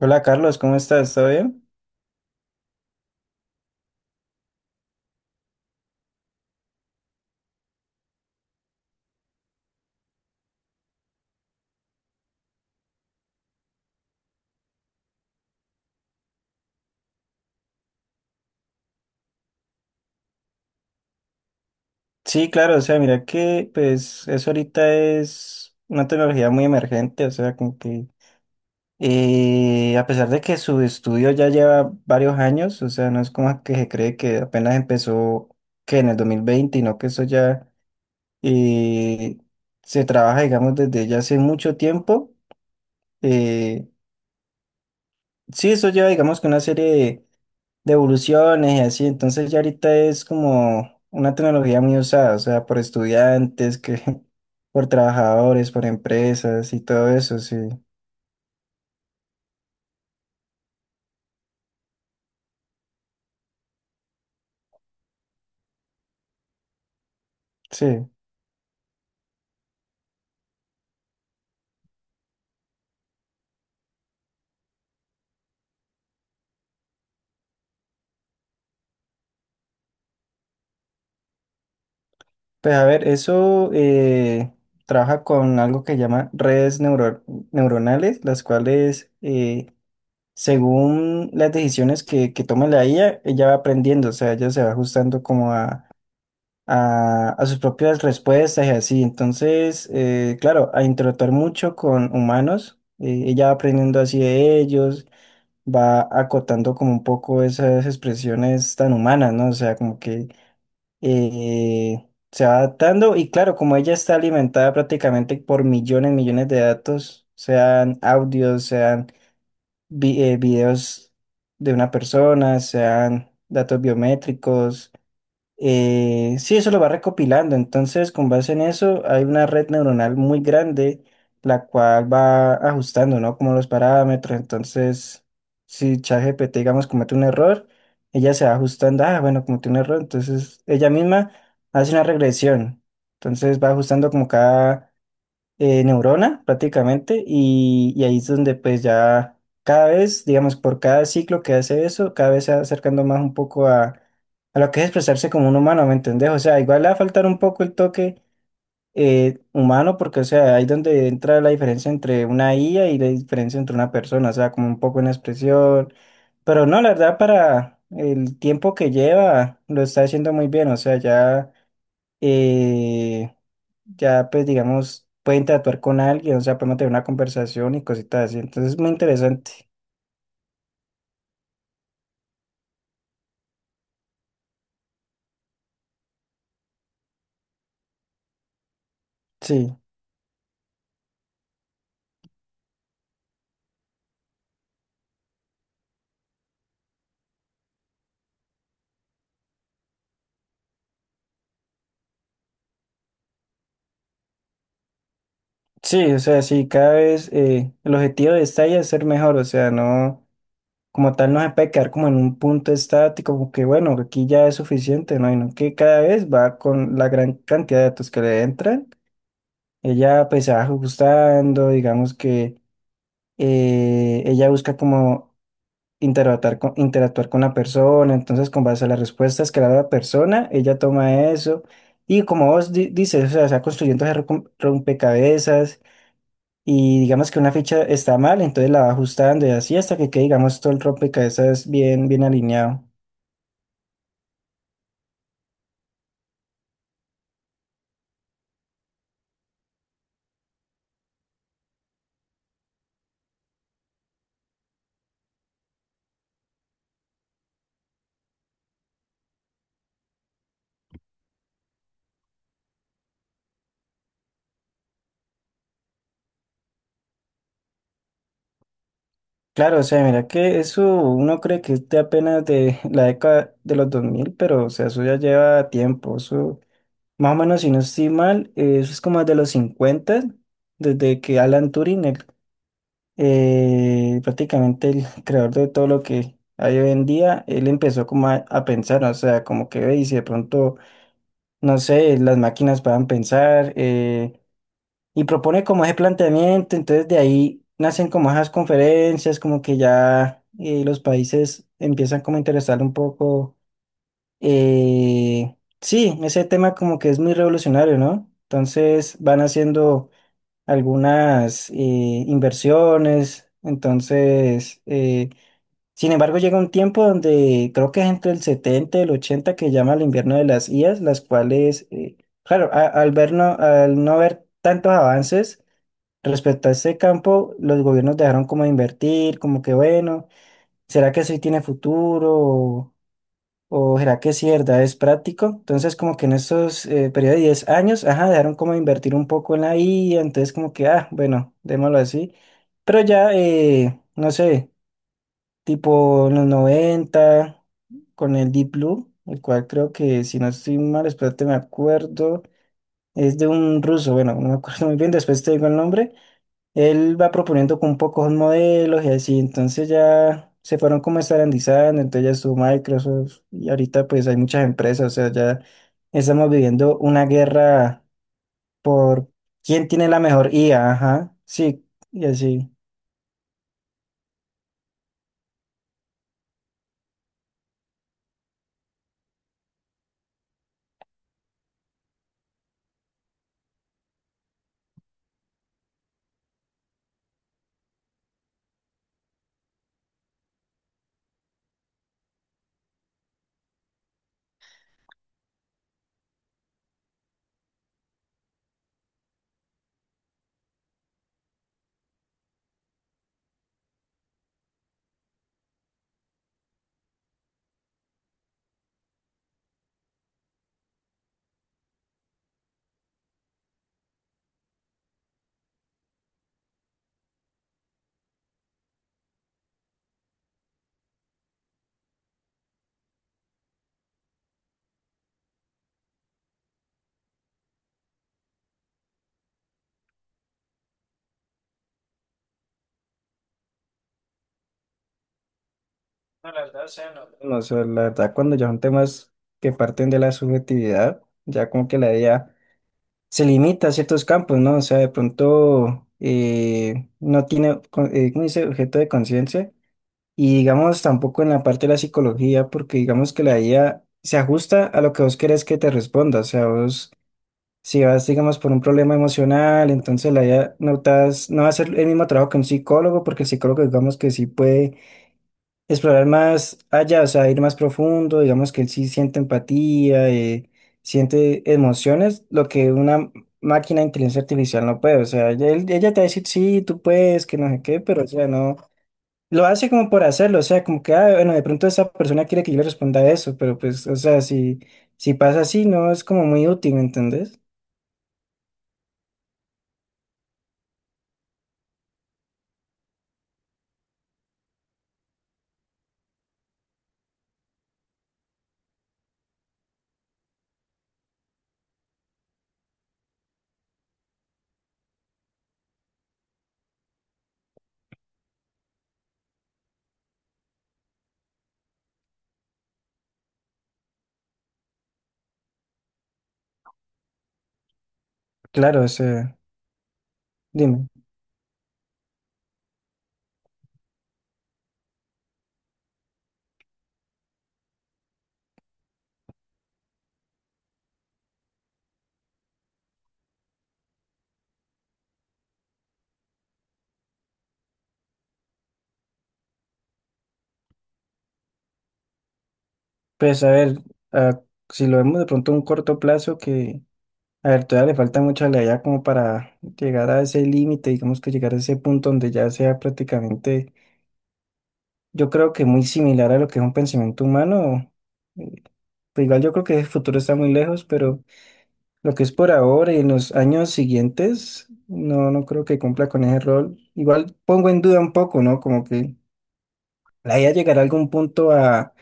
Hola Carlos, ¿cómo estás? ¿Todo bien? Sí, claro, o sea, mira que pues eso ahorita es una tecnología muy emergente, o sea, como que a pesar de que su estudio ya lleva varios años, o sea, no es como que se cree que apenas empezó que en el 2020, sino que eso ya eh, se trabaja, digamos, desde ya hace mucho tiempo. Eh, sí, eso lleva, digamos, que una serie de evoluciones y así. Entonces ya ahorita es como una tecnología muy usada, o sea, por estudiantes, que por trabajadores, por empresas y todo eso, sí. Sí. Pues a ver, eso trabaja con algo que llama redes neuronales, las cuales según las decisiones que toma la IA, ella va aprendiendo, o sea, ella se va ajustando como a sus propias respuestas y así. Entonces, claro, a interactuar mucho con humanos, ella va aprendiendo así de ellos, va acotando como un poco esas expresiones tan humanas, ¿no? O sea, como que se va adaptando y claro, como ella está alimentada prácticamente por millones, millones de datos, sean audios, sean videos de una persona, sean datos biométricos sí, eso lo va recopilando. Entonces, con base en eso, hay una red neuronal muy grande, la cual va ajustando, ¿no? Como los parámetros. Entonces, si ChatGPT, digamos, comete un error, ella se va ajustando. Ah, bueno, cometió un error. Entonces, ella misma hace una regresión. Entonces, va ajustando como cada neurona prácticamente y ahí es donde pues ya cada vez, digamos, por cada ciclo que hace eso, cada vez se va acercando más un poco a lo que es expresarse como un humano, ¿me entendés? O sea, igual le va a faltar un poco el toque humano porque, o sea, ahí donde entra la diferencia entre una IA y la diferencia entre una persona, o sea, como un poco una expresión, pero no, la verdad para el tiempo que lleva lo está haciendo muy bien, o sea, ya, eh, ya pues digamos, puede interactuar con alguien, o sea, puede mantener una conversación y cositas así. Entonces es muy interesante. Sí, sí, o sea, sí, cada vez el objetivo de esta IA es ser mejor, o sea, no, como tal no se puede quedar como en un punto estático, como que bueno, aquí ya es suficiente, ¿no? Y no que cada vez va con la gran cantidad de datos que le entran, ella pues se va ajustando, digamos que ella busca como interactuar con la persona, entonces con base a las respuestas que le da la persona, ella toma eso y como vos dices, o sea, está construyendo ese rompecabezas y digamos que una ficha está mal, entonces la va ajustando y así hasta que quede, digamos, todo el rompecabezas bien, bien alineado. Claro, o sea, mira que eso uno cree que es de apenas de la década de los 2000 pero o sea, eso ya lleva tiempo, eso más o menos si no estoy mal, eso es como de los 50 desde que Alan Turing, el prácticamente el creador de todo lo que hay hoy en día, él empezó como a pensar, ¿no? O sea, como que ve y si de pronto, no sé, las máquinas puedan pensar y propone como ese planteamiento, entonces de ahí nacen como esas conferencias, como que ya los países empiezan como a interesar un poco, sí, ese tema como que es muy revolucionario, ¿no? Entonces van haciendo algunas inversiones. Entonces, sin embargo, llega un tiempo donde creo que es entre el 70 y el 80 que llama el invierno de las IAs, las cuales, claro, al no ver tantos avances respecto a este campo, los gobiernos dejaron como de invertir, como que bueno, ¿será que eso sí tiene futuro? ¿O será que sí, verdad, es práctico? Entonces, como que en estos periodo de 10 años, ajá, dejaron como de invertir un poco en la IA, entonces como que, ah, bueno, démoslo así. Pero ya, no sé, tipo en los 90 con el Deep Blue, el cual creo que, si no estoy mal, espérate, me acuerdo, es de un ruso, bueno, no me acuerdo muy bien, después te digo el nombre, él va proponiendo con pocos modelos y así, entonces ya se fueron como estandarizando, entonces ya estuvo Microsoft y ahorita pues hay muchas empresas, o sea, ya estamos viviendo una guerra por quién tiene la mejor IA, ajá, sí, y así. No, la verdad, o sea, no. No, o sea, la verdad, cuando ya son temas que parten de la subjetividad, ya como que la idea se limita a ciertos campos, ¿no? O sea, de pronto no tiene, ¿cómo dice? Objeto de conciencia. Y digamos, tampoco en la parte de la psicología, porque digamos que la IA se ajusta a lo que vos querés que te responda. O sea, vos, si vas, digamos, por un problema emocional, entonces la IA no, no va a hacer el mismo trabajo que un psicólogo, porque el psicólogo, digamos, que sí puede explorar más allá, o sea, ir más profundo, digamos que él sí siente empatía, siente emociones, lo que una máquina de inteligencia artificial no puede. O sea, ella, ella te va a decir, sí, tú puedes, que no sé qué, pero o sea, no. Lo hace como por hacerlo, o sea, como que, ah, bueno, de pronto esa persona quiere que yo le responda eso, pero pues, o sea, si pasa así, no es como muy útil, ¿me entendés? Claro, o sea, dime. Pues a ver, ah, si lo vemos de pronto a un corto plazo, que, a ver, todavía le falta mucha allá como para llegar a ese límite, digamos que llegar a ese punto donde ya sea prácticamente, yo creo que muy similar a lo que es un pensamiento humano, pues igual yo creo que el futuro está muy lejos, pero. Lo que es por ahora y en los años siguientes, no, no creo que cumpla con ese rol. Igual pongo en duda un poco, ¿no? Como que la idea llegará a algún punto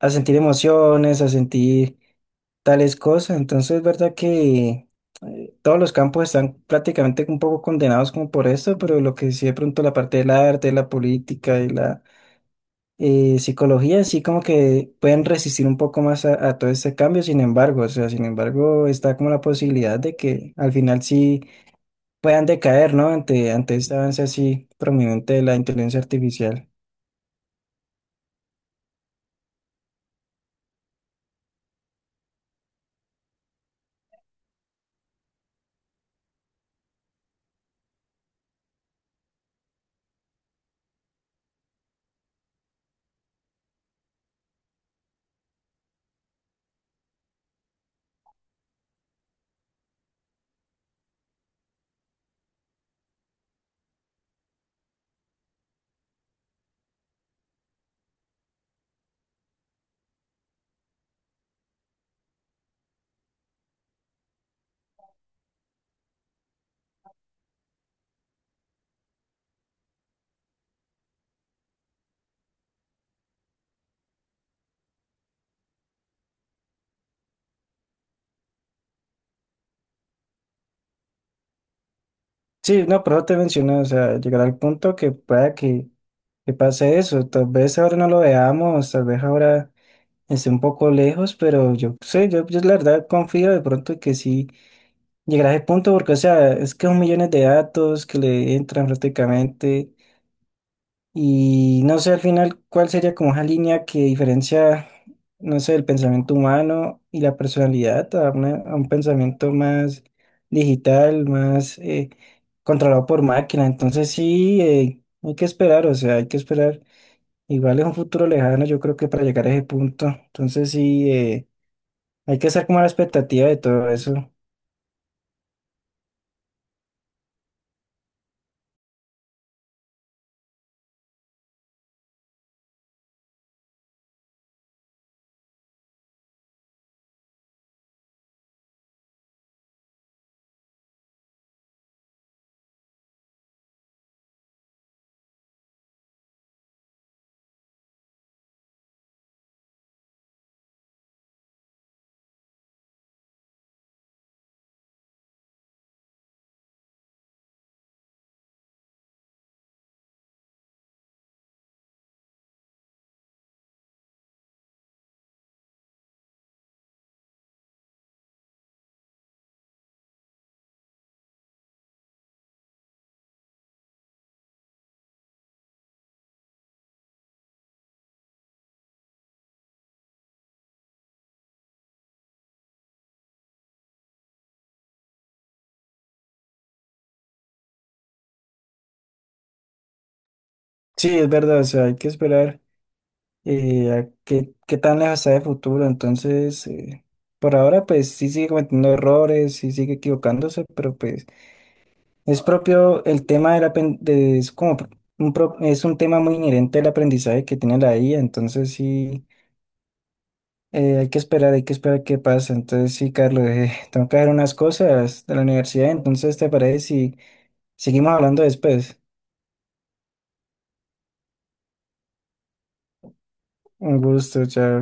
a sentir emociones, a sentir tales cosas. Entonces, es verdad que todos los campos están prácticamente un poco condenados como por esto, pero lo que sí de pronto la parte del arte, la política y la y psicología sí como que pueden resistir un poco más a todo este cambio, sin embargo, o sea, sin embargo está como la posibilidad de que al final sí puedan decaer, ¿no? Ante, ante este avance así prominente de la inteligencia artificial. Sí, no, pero te menciono, o sea, llegar al punto que pueda que pase eso, tal vez ahora no lo veamos, tal vez ahora esté un poco lejos, pero yo sé, yo la verdad confío de pronto que sí llegar a ese punto porque, o sea, es que son millones de datos que le entran prácticamente y no sé al final cuál sería como esa línea que diferencia, no sé, el pensamiento humano y la personalidad a, una- a un pensamiento más digital, más controlado por máquina. Entonces sí, hay que esperar, o sea, hay que esperar. Igual es un futuro lejano, yo creo que para llegar a ese punto. Entonces sí, hay que estar como a la expectativa de todo eso. Sí, es verdad, o sea, hay que esperar. A qué, qué tan lejos está de futuro. Entonces, por ahora, pues sí sigue cometiendo errores, sí sigue equivocándose, pero pues es propio el tema de, es como es un tema muy inherente al aprendizaje que tiene la IA. Entonces, sí, hay que esperar qué pasa. Entonces, sí, Carlos, tengo que hacer unas cosas de la universidad. Entonces, ¿te parece si seguimos hablando después? Un gusto, chao.